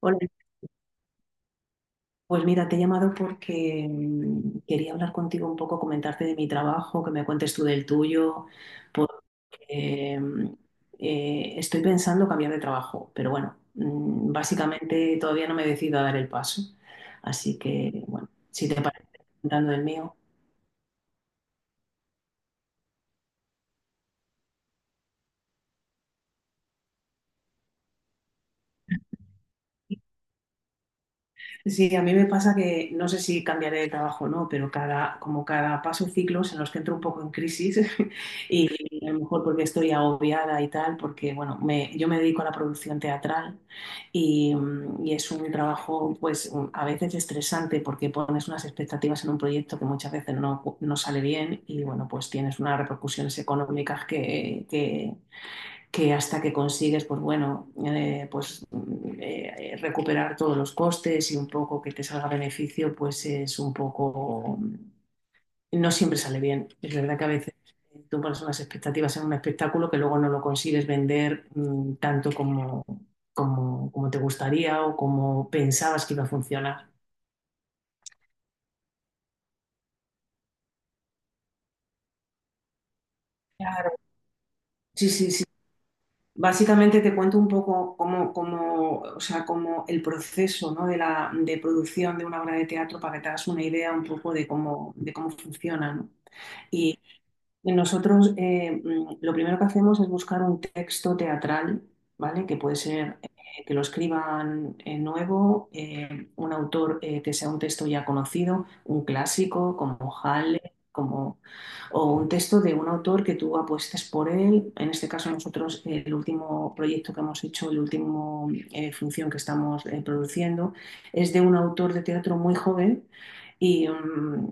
Hola, pues mira, te he llamado porque quería hablar contigo un poco, comentarte de mi trabajo, que me cuentes tú del tuyo, porque estoy pensando cambiar de trabajo, pero bueno, básicamente todavía no me decido a dar el paso. Así que, bueno, si te parece, comentando del mío. Sí, a mí me pasa que no sé si cambiaré de trabajo o no, pero como cada paso ciclos en los que entro un poco en crisis y a lo mejor porque estoy agobiada y tal, porque bueno, yo me dedico a la producción teatral y es un trabajo pues a veces estresante porque pones unas expectativas en un proyecto que muchas veces no sale bien y bueno, pues tienes unas repercusiones económicas que hasta que consigues, pues bueno, pues recuperar todos los costes y un poco que te salga beneficio, pues es un poco, no siempre sale bien. Es verdad que a veces tú pones unas expectativas en un espectáculo que luego no lo consigues vender tanto como te gustaría o como pensabas que iba a funcionar. Claro. Sí, sí, sí. Básicamente te cuento un poco cómo, o sea, cómo el proceso, ¿no? de de producción de una obra de teatro para que te hagas una idea un poco de cómo funciona, ¿no? Nosotros lo primero que hacemos es buscar un texto teatral, ¿vale? Que puede ser que lo escriban nuevo, un autor que sea un texto ya conocido, un clásico como Halle, o un texto de un autor que tú apuestes por él. En este caso nosotros el último proyecto que hemos hecho, el último función que estamos produciendo, es de un autor de teatro muy joven. Y,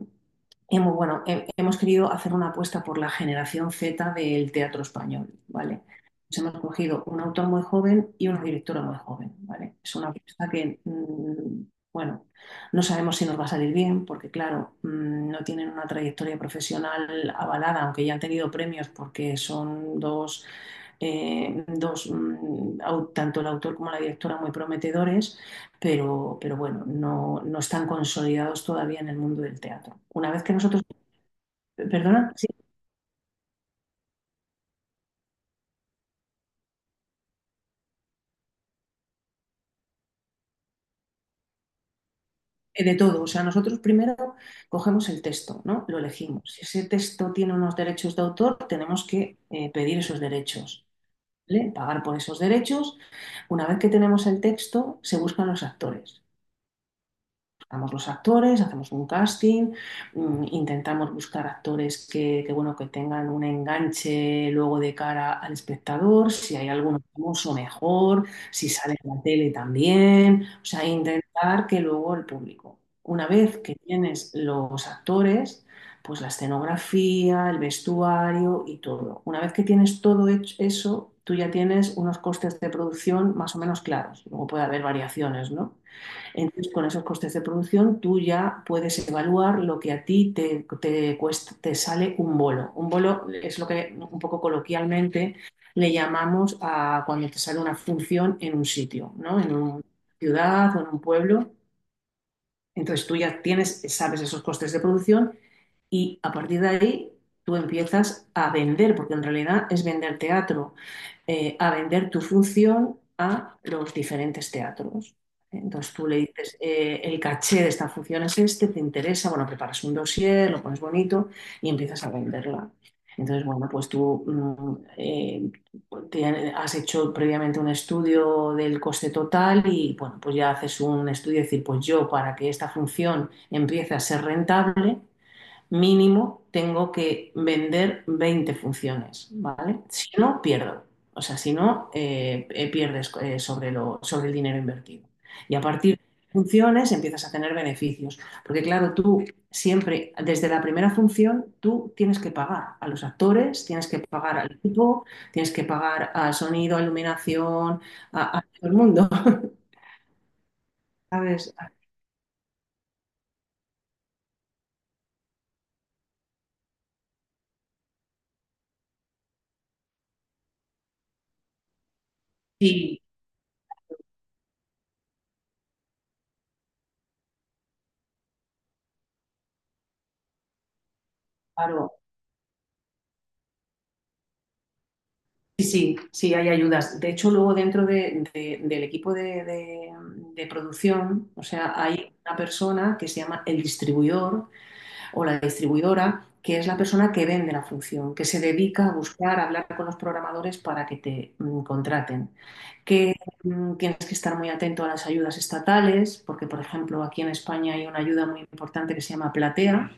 hemos, bueno, hemos querido hacer una apuesta por la generación Z del teatro español, ¿vale? Nos hemos cogido un autor muy joven y una directora muy joven, ¿vale? Es una apuesta que, bueno, no sabemos si nos va a salir bien, porque claro, no tienen una trayectoria profesional avalada, aunque ya han tenido premios porque son dos, tanto el autor como la directora muy prometedores pero, bueno, no están consolidados todavía en el mundo del teatro. Una vez que nosotros, perdona, sí, de todo, o sea, nosotros primero cogemos el texto, ¿no? Lo elegimos. Si ese texto tiene unos derechos de autor, tenemos que pedir esos derechos, ¿vale? Pagar por esos derechos. Una vez que tenemos el texto, se buscan los actores. Buscamos los actores, hacemos un casting, intentamos buscar actores que, bueno, que tengan un enganche luego de cara al espectador, si hay alguno famoso mejor, si sale en la tele también, o sea, intentar que luego el público. Una vez que tienes los actores, pues la escenografía, el vestuario y todo. Una vez que tienes todo hecho eso, tú ya tienes unos costes de producción más o menos claros. Luego puede haber variaciones, ¿no? Entonces, con esos costes de producción, tú ya puedes evaluar lo que a ti te cuesta, te sale un bolo. Un bolo es lo que un poco coloquialmente le llamamos a cuando te sale una función en un sitio, ¿no? En una ciudad o en un pueblo. Entonces, tú ya tienes, sabes esos costes de producción y a partir de ahí tú empiezas a vender, porque en realidad es vender teatro, a vender tu función a los diferentes teatros. Entonces tú le dices, el caché de esta función es este, te interesa, bueno, preparas un dossier, lo pones bonito y empiezas a venderla. Entonces, bueno, pues tú te- has hecho previamente un estudio del coste total y, bueno, pues ya haces un estudio de decir, pues yo para que esta función empiece a ser rentable, mínimo tengo que vender 20 funciones, ¿vale? Si no, pierdo. O sea, si no, pierdes sobre sobre el dinero invertido. Y a partir de funciones empiezas a tener beneficios. Porque claro, tú siempre, desde la primera función, tú tienes que pagar a los actores, tienes que pagar al equipo, tienes que pagar al sonido, a iluminación, a todo el mundo. ¿Sabes? Sí, claro. Sí, sí, sí, hay ayudas. De hecho, luego dentro del equipo de producción, o sea, hay una persona que se llama el distribuidor o la distribuidora, que es la persona que vende la función, que se dedica a buscar, a hablar con los programadores para que te contraten. Que tienes que estar muy atento a las ayudas estatales, porque, por ejemplo, aquí en España hay una ayuda muy importante que se llama Platea.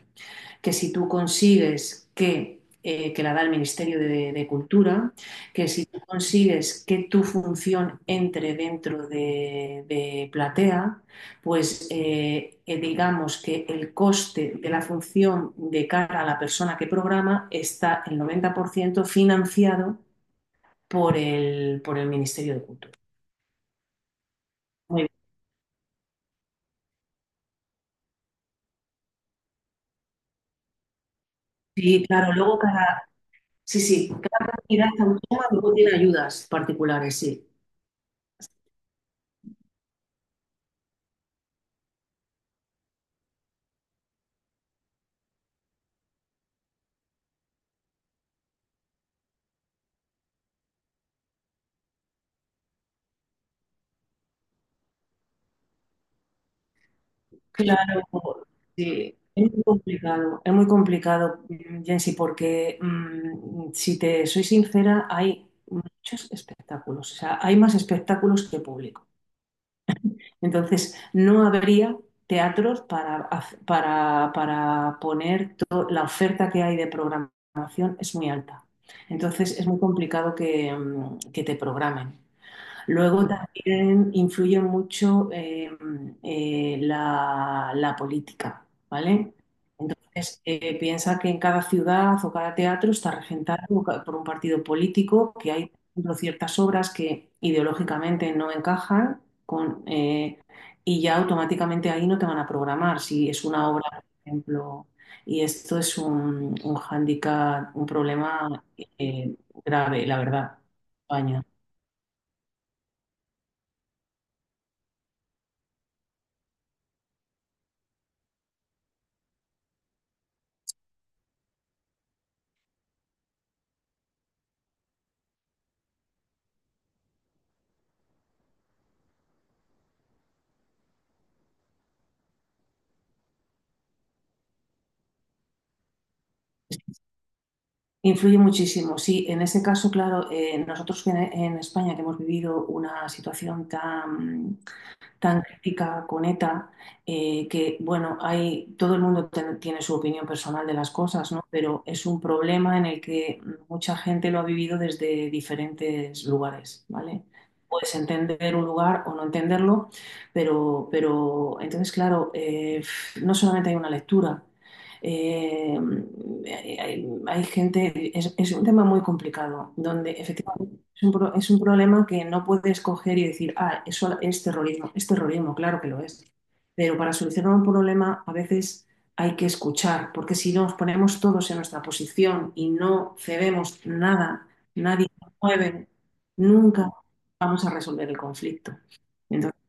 Que si tú consigues que la da el Ministerio de Cultura, que si tú consigues que tu función entre dentro de Platea, pues digamos que el coste de la función de cara a la persona que programa está el 90% financiado por el Ministerio de Cultura. Muy bien. Y claro, luego cada, sí, sí, cada comunidad autónoma luego tiene ayudas particulares, sí. Claro, sí, es muy complicado, Jensi, porque si te soy sincera, hay muchos espectáculos, o sea, hay más espectáculos que público. Entonces, no habría teatros para poner la oferta que hay de programación es muy alta. Entonces, es muy complicado que te programen. Luego también influye mucho la política, ¿vale? Entonces, piensa que en cada ciudad o cada teatro está regentado por un partido político, que hay, por ejemplo, ciertas obras que ideológicamente no encajan con, y ya automáticamente ahí no te van a programar. Si es una obra, por ejemplo, y esto es un, hándicap, un problema eh, grave, la verdad, en España. Influye muchísimo, sí. En ese caso, claro, nosotros que en, España que hemos vivido una situación tan, tan crítica con ETA, que bueno, hay, todo el mundo tiene su opinión personal de las cosas, ¿no? Pero es un problema en el que mucha gente lo ha vivido desde diferentes lugares, ¿vale? Puedes entender un lugar o no entenderlo, pero, entonces, claro, no solamente hay una lectura. Eh, Hay, gente, es, un tema muy complicado, donde efectivamente es es un problema que no puedes coger y decir, ah, eso es terrorismo. Es terrorismo, claro que lo es. Pero para solucionar un problema a veces hay que escuchar, porque si nos ponemos todos en nuestra posición y no cedemos nada, nadie nos mueve, nunca vamos a resolver el conflicto. Entonces,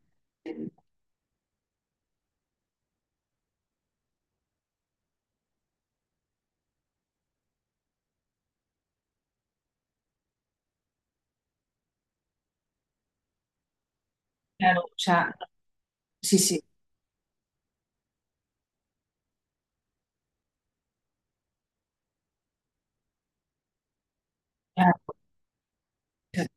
claro, o sea, sí, sí, claro.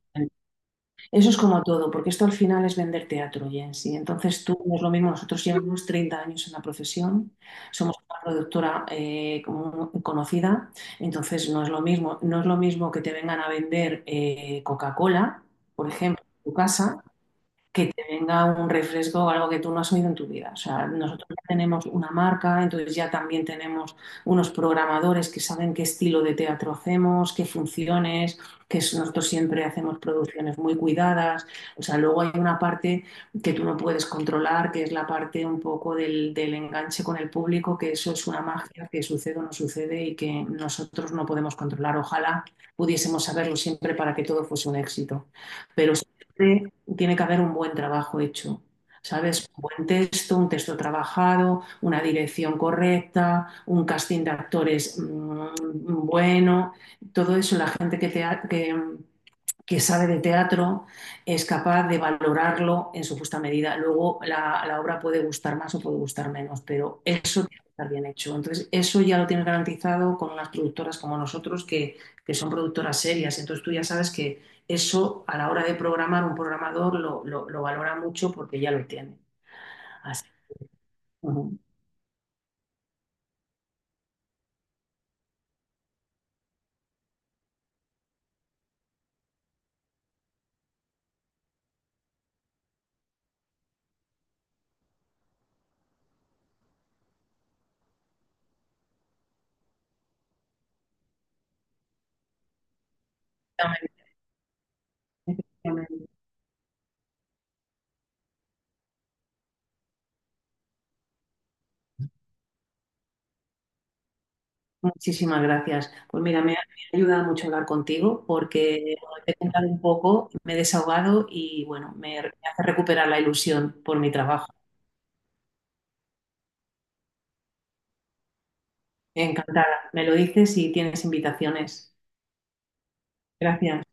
Eso es como todo, porque esto al final es vender teatro, Jensi. Entonces tú, no es lo mismo, nosotros llevamos 30 años en la profesión, somos una productora conocida, entonces no es lo mismo, no es lo mismo que te vengan a vender Coca-Cola, por ejemplo, en tu casa, que te venga un refresco o algo que tú no has oído en tu vida. O sea, nosotros ya tenemos una marca, entonces ya también tenemos unos programadores que saben qué estilo de teatro hacemos, qué funciones, nosotros siempre hacemos producciones muy cuidadas. O sea, luego hay una parte que tú no puedes controlar, que es la parte un poco del enganche con el público, que eso es una magia que sucede o no sucede y que nosotros no podemos controlar. Ojalá pudiésemos saberlo siempre para que todo fuese un éxito. Pero siempre tiene que haber un buen trabajo hecho, ¿sabes? Un buen texto, un texto trabajado, una dirección correcta, un casting de actores bueno, todo eso la gente que sabe de teatro es capaz de valorarlo en su justa medida. Luego la obra puede gustar más o puede gustar menos, pero eso tiene que estar bien hecho. Entonces, eso ya lo tienes garantizado con unas productoras como nosotros que son productoras serias. Entonces, tú ya sabes que eso a la hora de programar un programador lo valora mucho porque ya lo tiene. Así. Ujú. Muchísimas gracias. Pues mira, me ha ayudado mucho hablar contigo porque bueno, te he contado un poco, me he desahogado y bueno, me hace recuperar la ilusión por mi trabajo. Encantada. Me lo dices y tienes invitaciones. Gracias.